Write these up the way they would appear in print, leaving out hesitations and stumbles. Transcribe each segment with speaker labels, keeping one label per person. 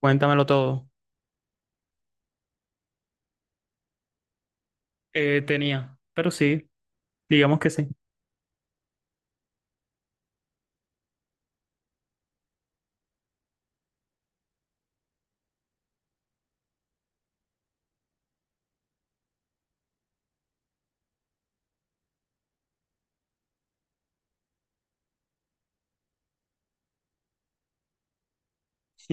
Speaker 1: Cuéntamelo todo. Tenía, pero sí, digamos que sí.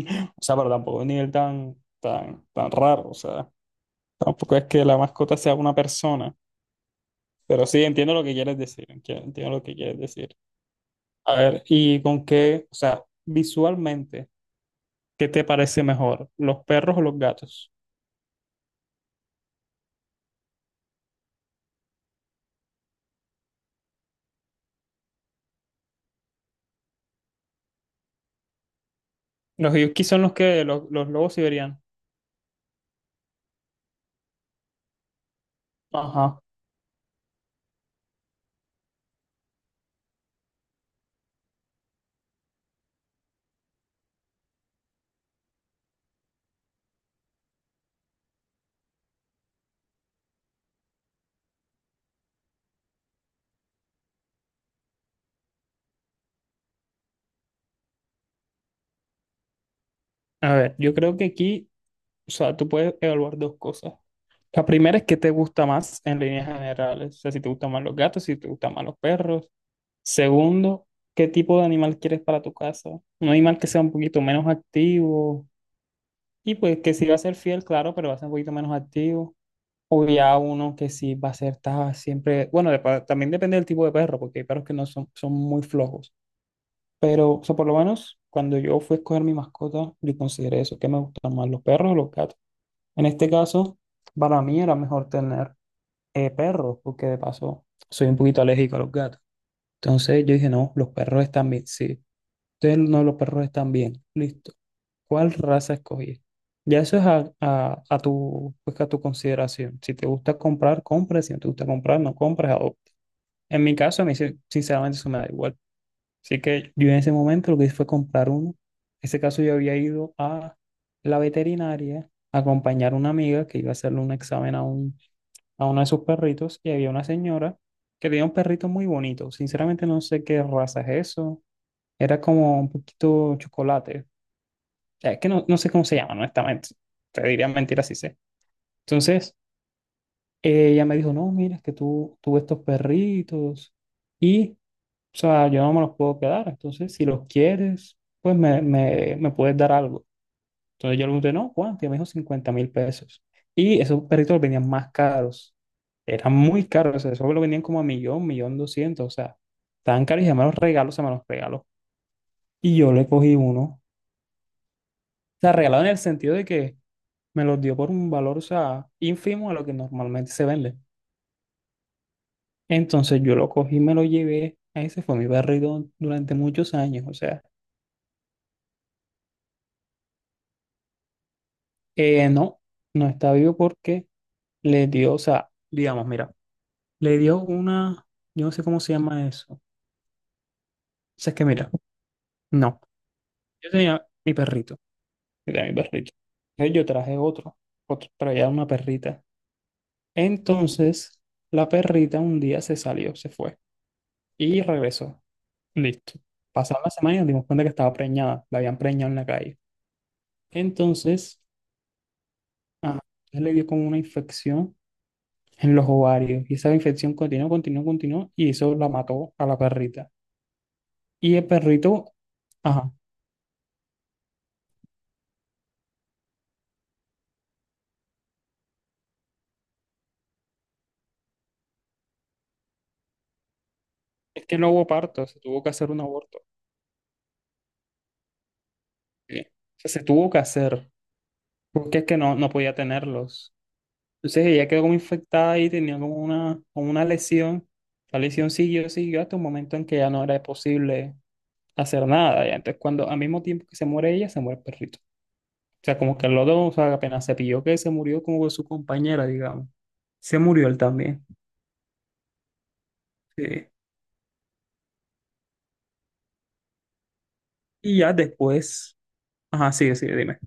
Speaker 1: O sea, pero tampoco es un nivel tan, tan, tan raro. O sea, tampoco es que la mascota sea una persona. Pero sí, entiendo lo que quieres decir. Entiendo lo que quieres decir. A ver, ¿y con qué? O sea, visualmente, ¿qué te parece mejor? ¿Los perros o los gatos? Los yuki son los lobos siberianos. Ajá. A ver, yo creo que aquí, o sea, tú puedes evaluar dos cosas. La primera es qué te gusta más en líneas generales, o sea, si te gustan más los gatos, si te gustan más los perros. Segundo, qué tipo de animal quieres para tu casa. Un animal que sea un poquito menos activo y pues que sí va a ser fiel, claro, pero va a ser un poquito menos activo. O ya uno que sí va a ser siempre, bueno, también depende del tipo de perro, porque hay perros que no son, son muy flojos. Pero, o sea, por lo menos cuando yo fui a escoger mi mascota, yo consideré eso, que me gustan más los perros o los gatos. En este caso, para mí era mejor tener perros, porque de paso soy un poquito alérgico a los gatos. Entonces yo dije, no, los perros están bien. Sí, entonces no, los perros están bien. Listo. ¿Cuál raza escogí? Ya eso es a tu, pues, a tu consideración. Si te gusta comprar, compras. Si no te gusta comprar, no compras, adopta. En mi caso, a mí sinceramente eso me da igual. Así que yo en ese momento lo que hice fue comprar uno. En ese caso yo había ido a la veterinaria a acompañar a una amiga que iba a hacerle un examen a uno de sus perritos y había una señora que tenía un perrito muy bonito. Sinceramente no sé qué raza es eso. Era como un poquito chocolate. O sea, es que no, no sé cómo se llama, honestamente. Te diría mentira si sé. Entonces, ella me dijo, no, mira, es que tú tuve estos perritos y, o sea, yo no me los puedo quedar. Entonces, si los quieres, pues me puedes dar algo. Entonces yo le pregunté, no, Juan, que me dijo 50 mil pesos. Y esos perritos venían más caros. Eran muy caros. O sea, esos lo vendían como a millón, millón doscientos. O sea, estaban caros y se me los regaló, se me los regaló. Y yo le cogí uno. O sea, regalado en el sentido de que me los dio por un valor, o sea, ínfimo a lo que normalmente se vende. Entonces yo lo cogí, me lo llevé. Ese fue mi perrito durante muchos años. O sea, no, no está vivo porque le dio, o sea, digamos, mira. Le dio una, yo no sé cómo se llama eso. O sea, es que mira, no. Yo tenía mi perrito. Yo tenía mi perrito. Entonces yo traje otro, pero ya una perrita. Entonces, la perrita un día se salió, se fue y regresó. Listo. Pasaron las semanas y nos dimos cuenta que estaba preñada, la habían preñado en la calle. Entonces, ajá, entonces le dio como una infección en los ovarios y esa infección continuó, continuó, continuó y eso la mató a la perrita. Y el perrito, ajá, es que no hubo parto, se tuvo que hacer un aborto. ¿Sí? O sea, se tuvo que hacer, porque es que no, no podía tenerlos. Entonces ella quedó como infectada y tenía como una lesión. La lesión siguió, siguió hasta un momento en que ya no era posible hacer nada. Ya. Entonces, cuando al mismo tiempo que se muere ella, se muere el perrito. O sea, como que los dos, o sea, apenas se pilló que se murió como su compañera, digamos. Se murió él también. Sí. Y ya después, ajá, sigue, sigue, dime.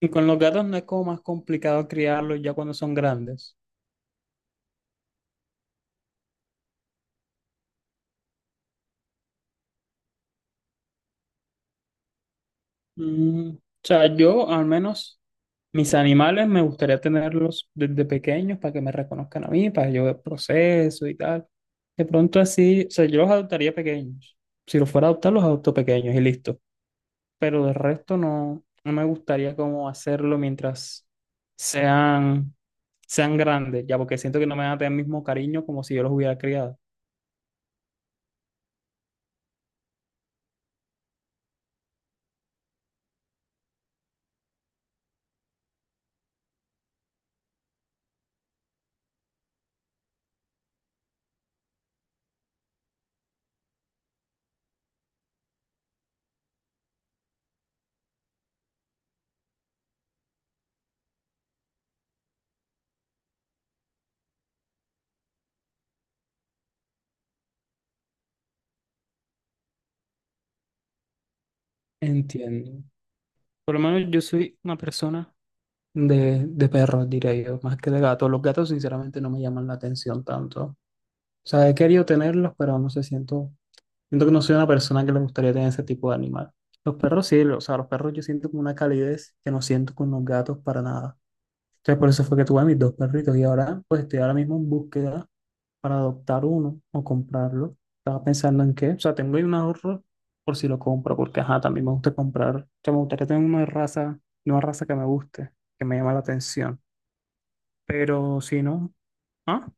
Speaker 1: Y con los gatos no es como más complicado criarlos ya cuando son grandes. O sea, yo al menos mis animales me gustaría tenerlos desde pequeños para que me reconozcan a mí, para que yo ver proceso y tal. De pronto así, o sea, yo los adoptaría pequeños. Si los fuera a adoptar, los adopto pequeños y listo. Pero del resto no, no me gustaría como hacerlo mientras sean, sean grandes, ya porque siento que no me van a tener el mismo cariño como si yo los hubiera criado. Entiendo. Por lo menos yo soy una persona de perros, diría yo, más que de gatos. Los gatos, sinceramente, no me llaman la atención tanto. O sea, he querido tenerlos, pero no sé, siento, siento que no soy una persona que le gustaría tener ese tipo de animal. Los perros sí, o sea, los perros yo siento como una calidez que no siento con los gatos para nada. Entonces, por eso fue que tuve a mis dos perritos y ahora, pues estoy ahora mismo en búsqueda para adoptar uno o comprarlo. Estaba pensando en qué, o sea, tengo ahí un ahorro por si lo compro, porque ajá, también me gusta comprar. O sea, me gustaría tener una raza que me guste, que me llama la atención pero si no, ¿ah?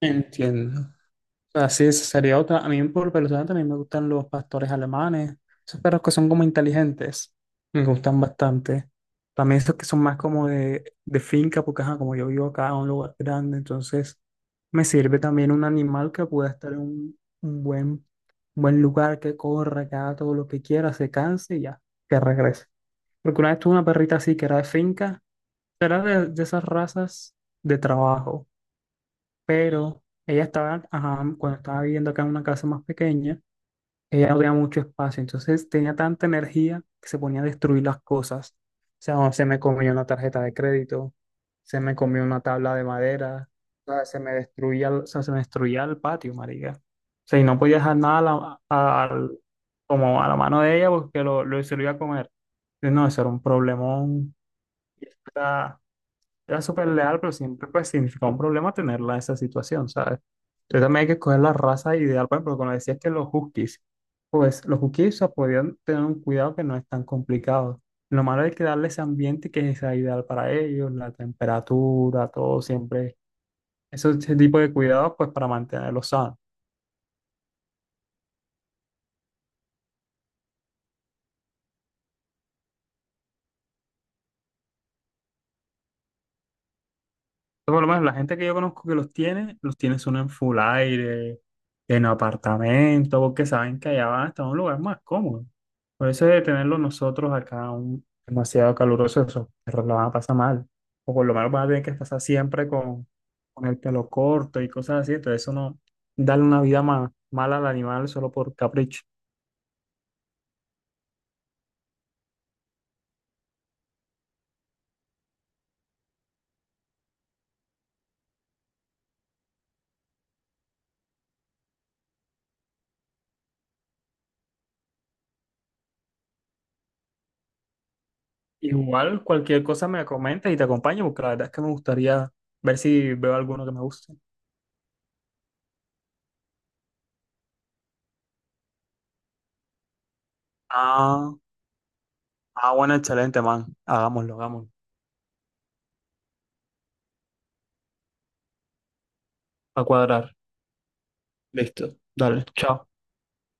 Speaker 1: Entiendo. Así es, sería otra. A mí por personal también me gustan los pastores alemanes, esos perros que son como inteligentes, me gustan bastante. También esos que son más como de finca, porque ajá, como yo vivo acá en un lugar grande, entonces me sirve también un animal que pueda estar en un buen lugar, que corra, que haga todo lo que quiera, se canse y ya, que regrese. Porque una vez tuve una perrita así que era de finca, era de esas razas de trabajo pero ella estaba, ajá, cuando estaba viviendo acá en una casa más pequeña, ella no tenía mucho espacio, entonces tenía tanta energía que se ponía a destruir las cosas. O sea, no, se me comió una tarjeta de crédito, se me comió una tabla de madera, o sea, se me destruía, el- o sea, se me destruía el patio, marica. O sea, y no podía dejar nada a como a la mano de ella porque se lo iba a comer. Entonces, no, eso era un problemón. Era súper leal, pero siempre pues significaba un problema tenerla en esa situación, ¿sabes? Entonces también hay que escoger la raza ideal, por ejemplo, cuando decías que los huskies, pues los huskies, o sea, podían tener un cuidado que no es tan complicado. Lo malo es que darle ese ambiente que sea ideal para ellos, la temperatura, todo siempre, ese tipo de cuidados, pues para mantenerlos sanos. Por lo menos la gente que yo conozco que los tiene son en full aire, en apartamento, porque saben que allá van a estar en un lugar más cómodo. Por eso de tenerlo nosotros acá un, demasiado caluroso, esos perros la van a pasar mal. O por lo menos van a tener que pasar siempre con el pelo corto y cosas así. Entonces eso no, darle una vida más mala al animal solo por capricho. Igual cualquier cosa me comentas y te acompaño, porque la verdad es que me gustaría ver si veo alguno que me guste. Ah. Ah, bueno, excelente, man. Hagámoslo, hagámoslo. A cuadrar. Listo. Dale, chao.